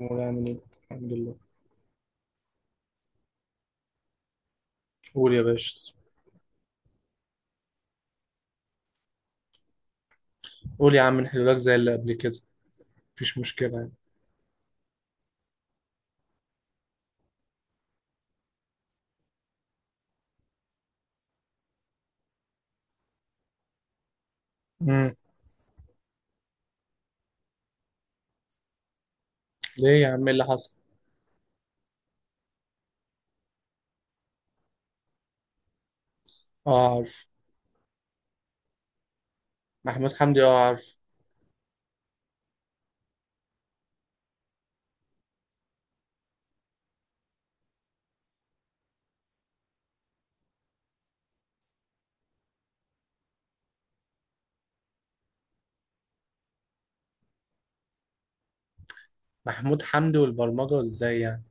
مولاي عامل ايه؟ الحمد لله. قول يا باشا. قول يا عم نحل لك زي اللي قبل كده، مفيش مشكلة يعني. امم. ليه يا عم إيه اللي حصل؟ اه عارف. محمود حمدي اه عارف. محمود حمدي والبرمجة ازاي يعني؟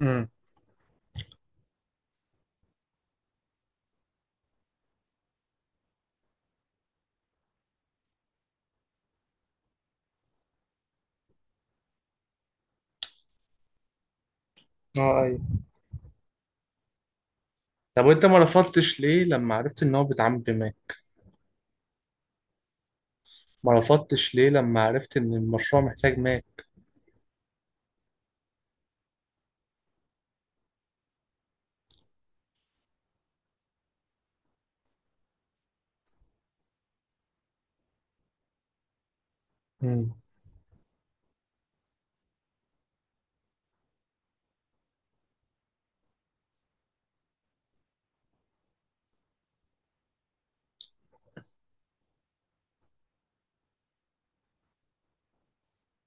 امم. اه ايوه. طب وانت ما رفضتش ليه لما عرفت ان هو بيتعامل بماك؟ ما رفضتش ليه لما عرفت ان المشروع محتاج ماك؟ امم.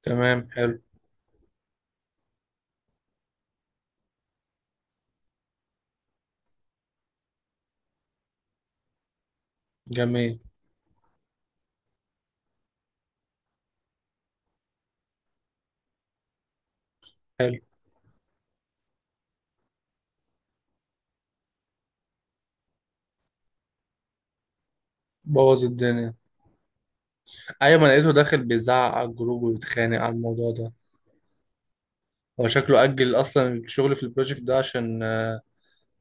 تمام حلو. جميل. حلو. بوظ الدنيا. ايوه، ما لقيته داخل بيزعق على الجروب وبيتخانق على الموضوع ده. هو شكله أجل أصلا الشغل في البروجكت ده عشان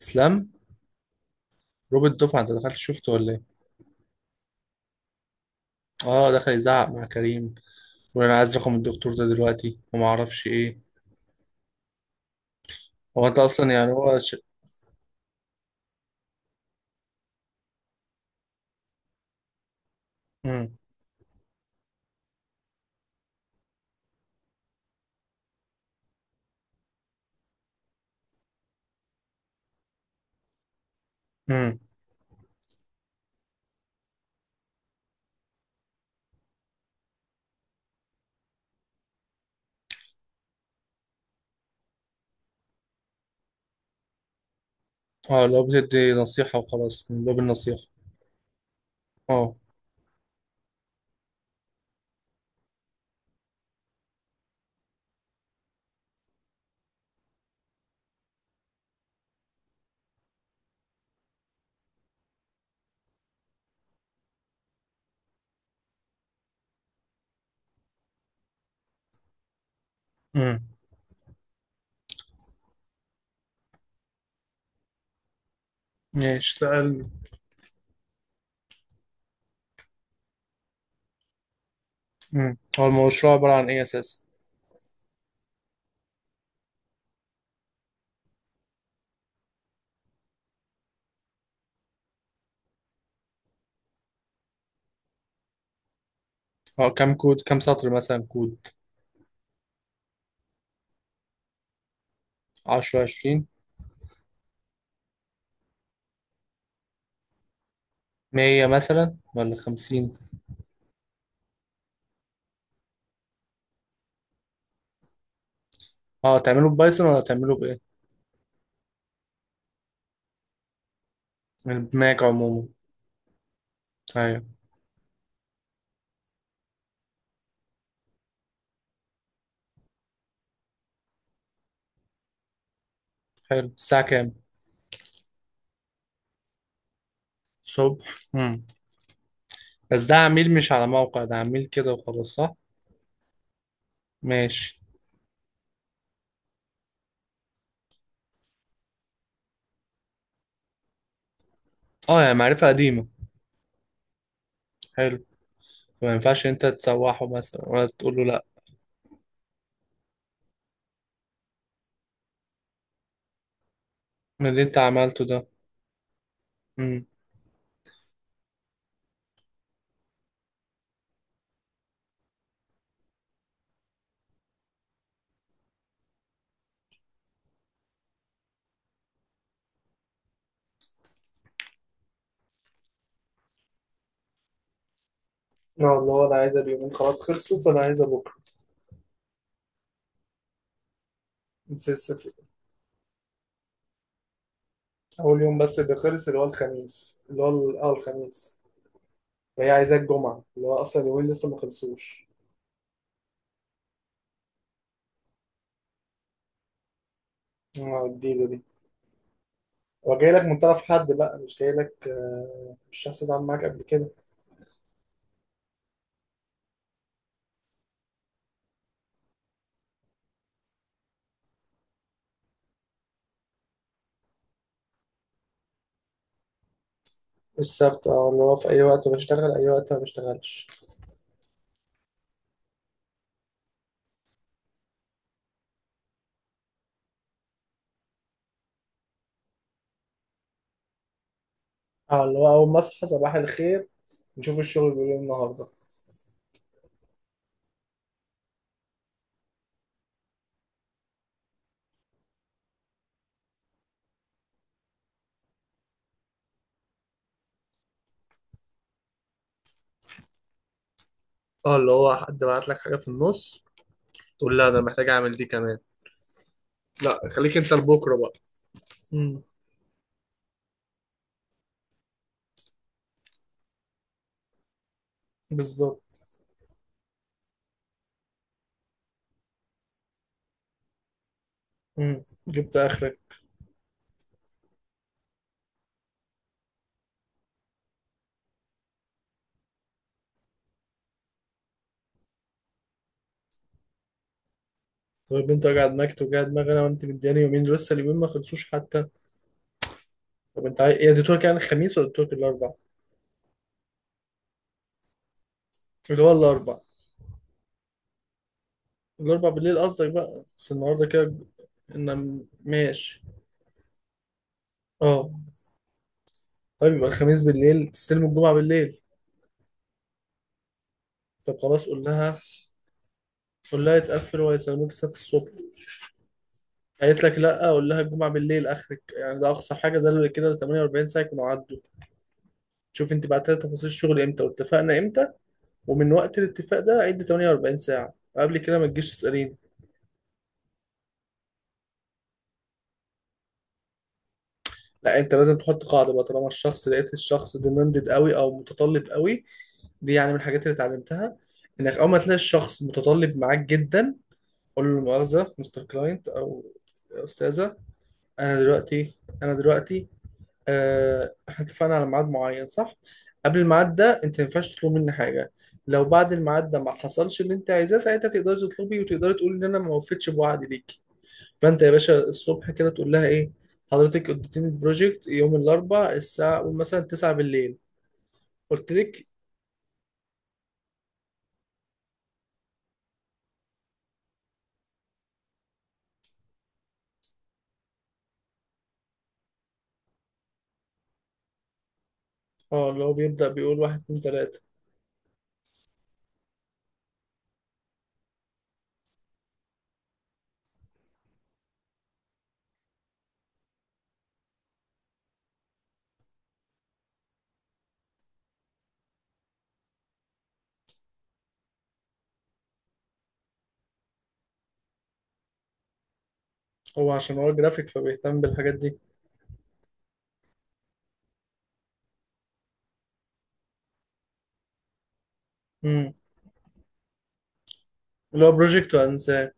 اسلام. روبرت دفعه انت دخلت شفته ولا ايه؟ اه دخل يزعق مع كريم، ولا انا عايز رقم الدكتور ده دلوقتي وما اعرفش ايه. هو انت اصلا يعني مم. مم. اه لو بتدي نصيحه وخلاص من باب النصيحه. اه. مم. ماشي سأل. مم. هو المشروع عباره عن ايه اساسا؟ اه كام كود، كام سطر مثلا كود؟ 10، 20. 100 مثلا ولا 50؟ اه تعمله ببايثون ولا تعمله بايه؟ من الماك عموما. ايوه. حلو، الساعه كام؟ الصبح. بس ده عميل مش على موقع، ده عميل كده وخلاص صح؟ ماشي. اه يعني معرفة قديمة. حلو. ما ينفعش انت تسوحه مثلا ولا تقول له لا؟ من اللي انت عملته ده. امم. اه اللي هو انا عايزها اليومين خلاص خلصوا فانا عايزها بكره. نسيس كده. اول يوم بس اللي خلص اللي هو الخميس اللي هو الخميس. وهي عايزاه الجمعه اللي هو اصلا اليومين لسه ما خلصوش. اه الجديده دي. هو جاي لك من طرف حد بقى، مش جاي لك مش شخص اتعامل معاك قبل كده؟ السبت اه اللي هو في اي وقت بشتغل، اي وقت ما بشتغلش. اه اللي هو أول ما أصحى صباح الخير نشوف الشغل بيقول إيه النهاردة. اه اللي هو حد بعت لك حاجة في النص تقول لا انا محتاج اعمل دي كمان. لا خليك انت لبكرة بقى. امم. بالظبط. جبت آخرك. طب أنت قاعد معاك وجع دماغ أنا وأنت مدياني يومين لسه اليومين ما خلصوش حتى. طب أنت عايز إيه، اديتوك يعني الخميس ولا اديتوك الأربع؟ اللي هو الأربع. الأربع بالليل قصدك بقى، بس النهاردة كده. إن ماشي. أه. طيب يبقى الخميس بالليل تستلم الجمعة بالليل. طب خلاص قول لها. قول لها يتقفل وهيسلموك السبت الصبح. قالت لك لا، قول لها الجمعه بالليل اخرك، يعني ده اقصى حاجه، ده اللي كده 48 ساعه يكونوا عدوا. شوف انت بعت لها تفاصيل الشغل امتى واتفقنا امتى، ومن وقت الاتفاق ده عد 48 ساعه، قبل كده ما تجيش تساليني. لا انت لازم تحط قاعده بقى، طالما الشخص لقيت الشخص ديماندد قوي او متطلب قوي. دي يعني من الحاجات اللي اتعلمتها، انك اول ما تلاقي الشخص متطلب معاك جدا، قول له مؤاخذه مستر كلاينت او يا استاذه، انا دلوقتي انا دلوقتي احنا اتفقنا على ميعاد معين صح؟ قبل الميعاد ده انت ما ينفعش تطلب مني حاجة. لو بعد الميعاد ده ما حصلش اللي انت عايزاه ساعتها تقدري تطلبي وتقدري تقولي ان انا ما وفيتش بوعدي ليكي. فانت يا باشا الصبح كده تقول لها ايه؟ حضرتك اديتيني البروجكت يوم الاربعاء الساعة قول مثلا 9 بالليل، قلت لك. اه اللي هو بيبدأ بيقول واحد اتنين تلاتة. هو عشان هو جرافيك فبيهتم بالحاجات دي. امم. اللي هو بروجكت وانساه.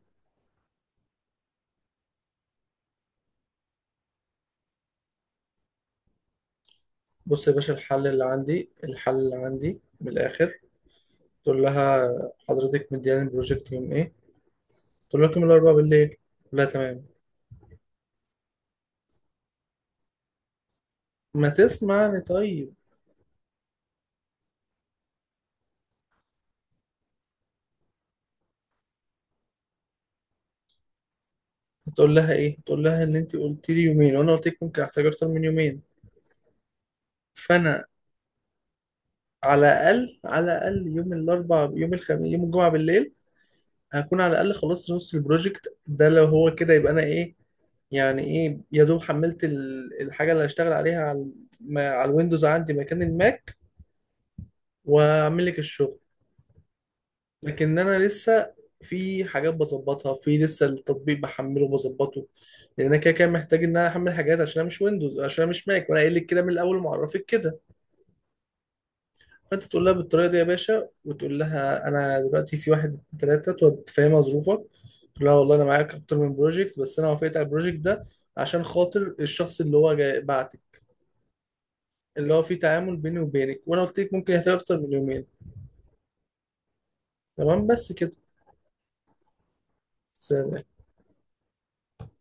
بص يا باشا، الحل اللي عندي، الحل اللي عندي من الاخر. تقول لها حضرتك مدياني البروجكت يوم ايه؟ تقول لها يوم الاربعاء بالليل. تقول لها تمام. ما تسمعني طيب. تقول لها ايه، تقول لها ان انت قلت لي يومين وانا قلت لك ممكن احتاج اكتر من يومين. فانا على الاقل على الاقل يوم الاربعاء يوم الخميس يوم الجمعه بالليل هكون على الاقل خلصت نص البروجكت ده. لو هو كده يبقى انا ايه، يعني ايه، يا دوب حملت الحاجه اللي هشتغل عليها على على الويندوز عندي مكان الماك، واعمل لك الشغل. لكن انا لسه في حاجات بظبطها، في لسه التطبيق بحمله وبظبطه، لان انا كده كده محتاج ان انا احمل حاجات عشان انا مش ويندوز، عشان انا مش ماك، وانا قايل لك كده من الاول ومعرفك كده. فانت تقول لها بالطريقه دي يا باشا، وتقول لها انا دلوقتي في واحد اتنين تلاته، تقعد تفهمها ظروفك. تقول لها والله انا معاك اكتر من بروجكت بس انا وافقت على البروجكت ده عشان خاطر الشخص اللي هو جاي بعتك، اللي هو في تعامل بيني وبينك، وانا قلت لك ممكن يحتاج اكتر من يومين. تمام بس كده. سلام.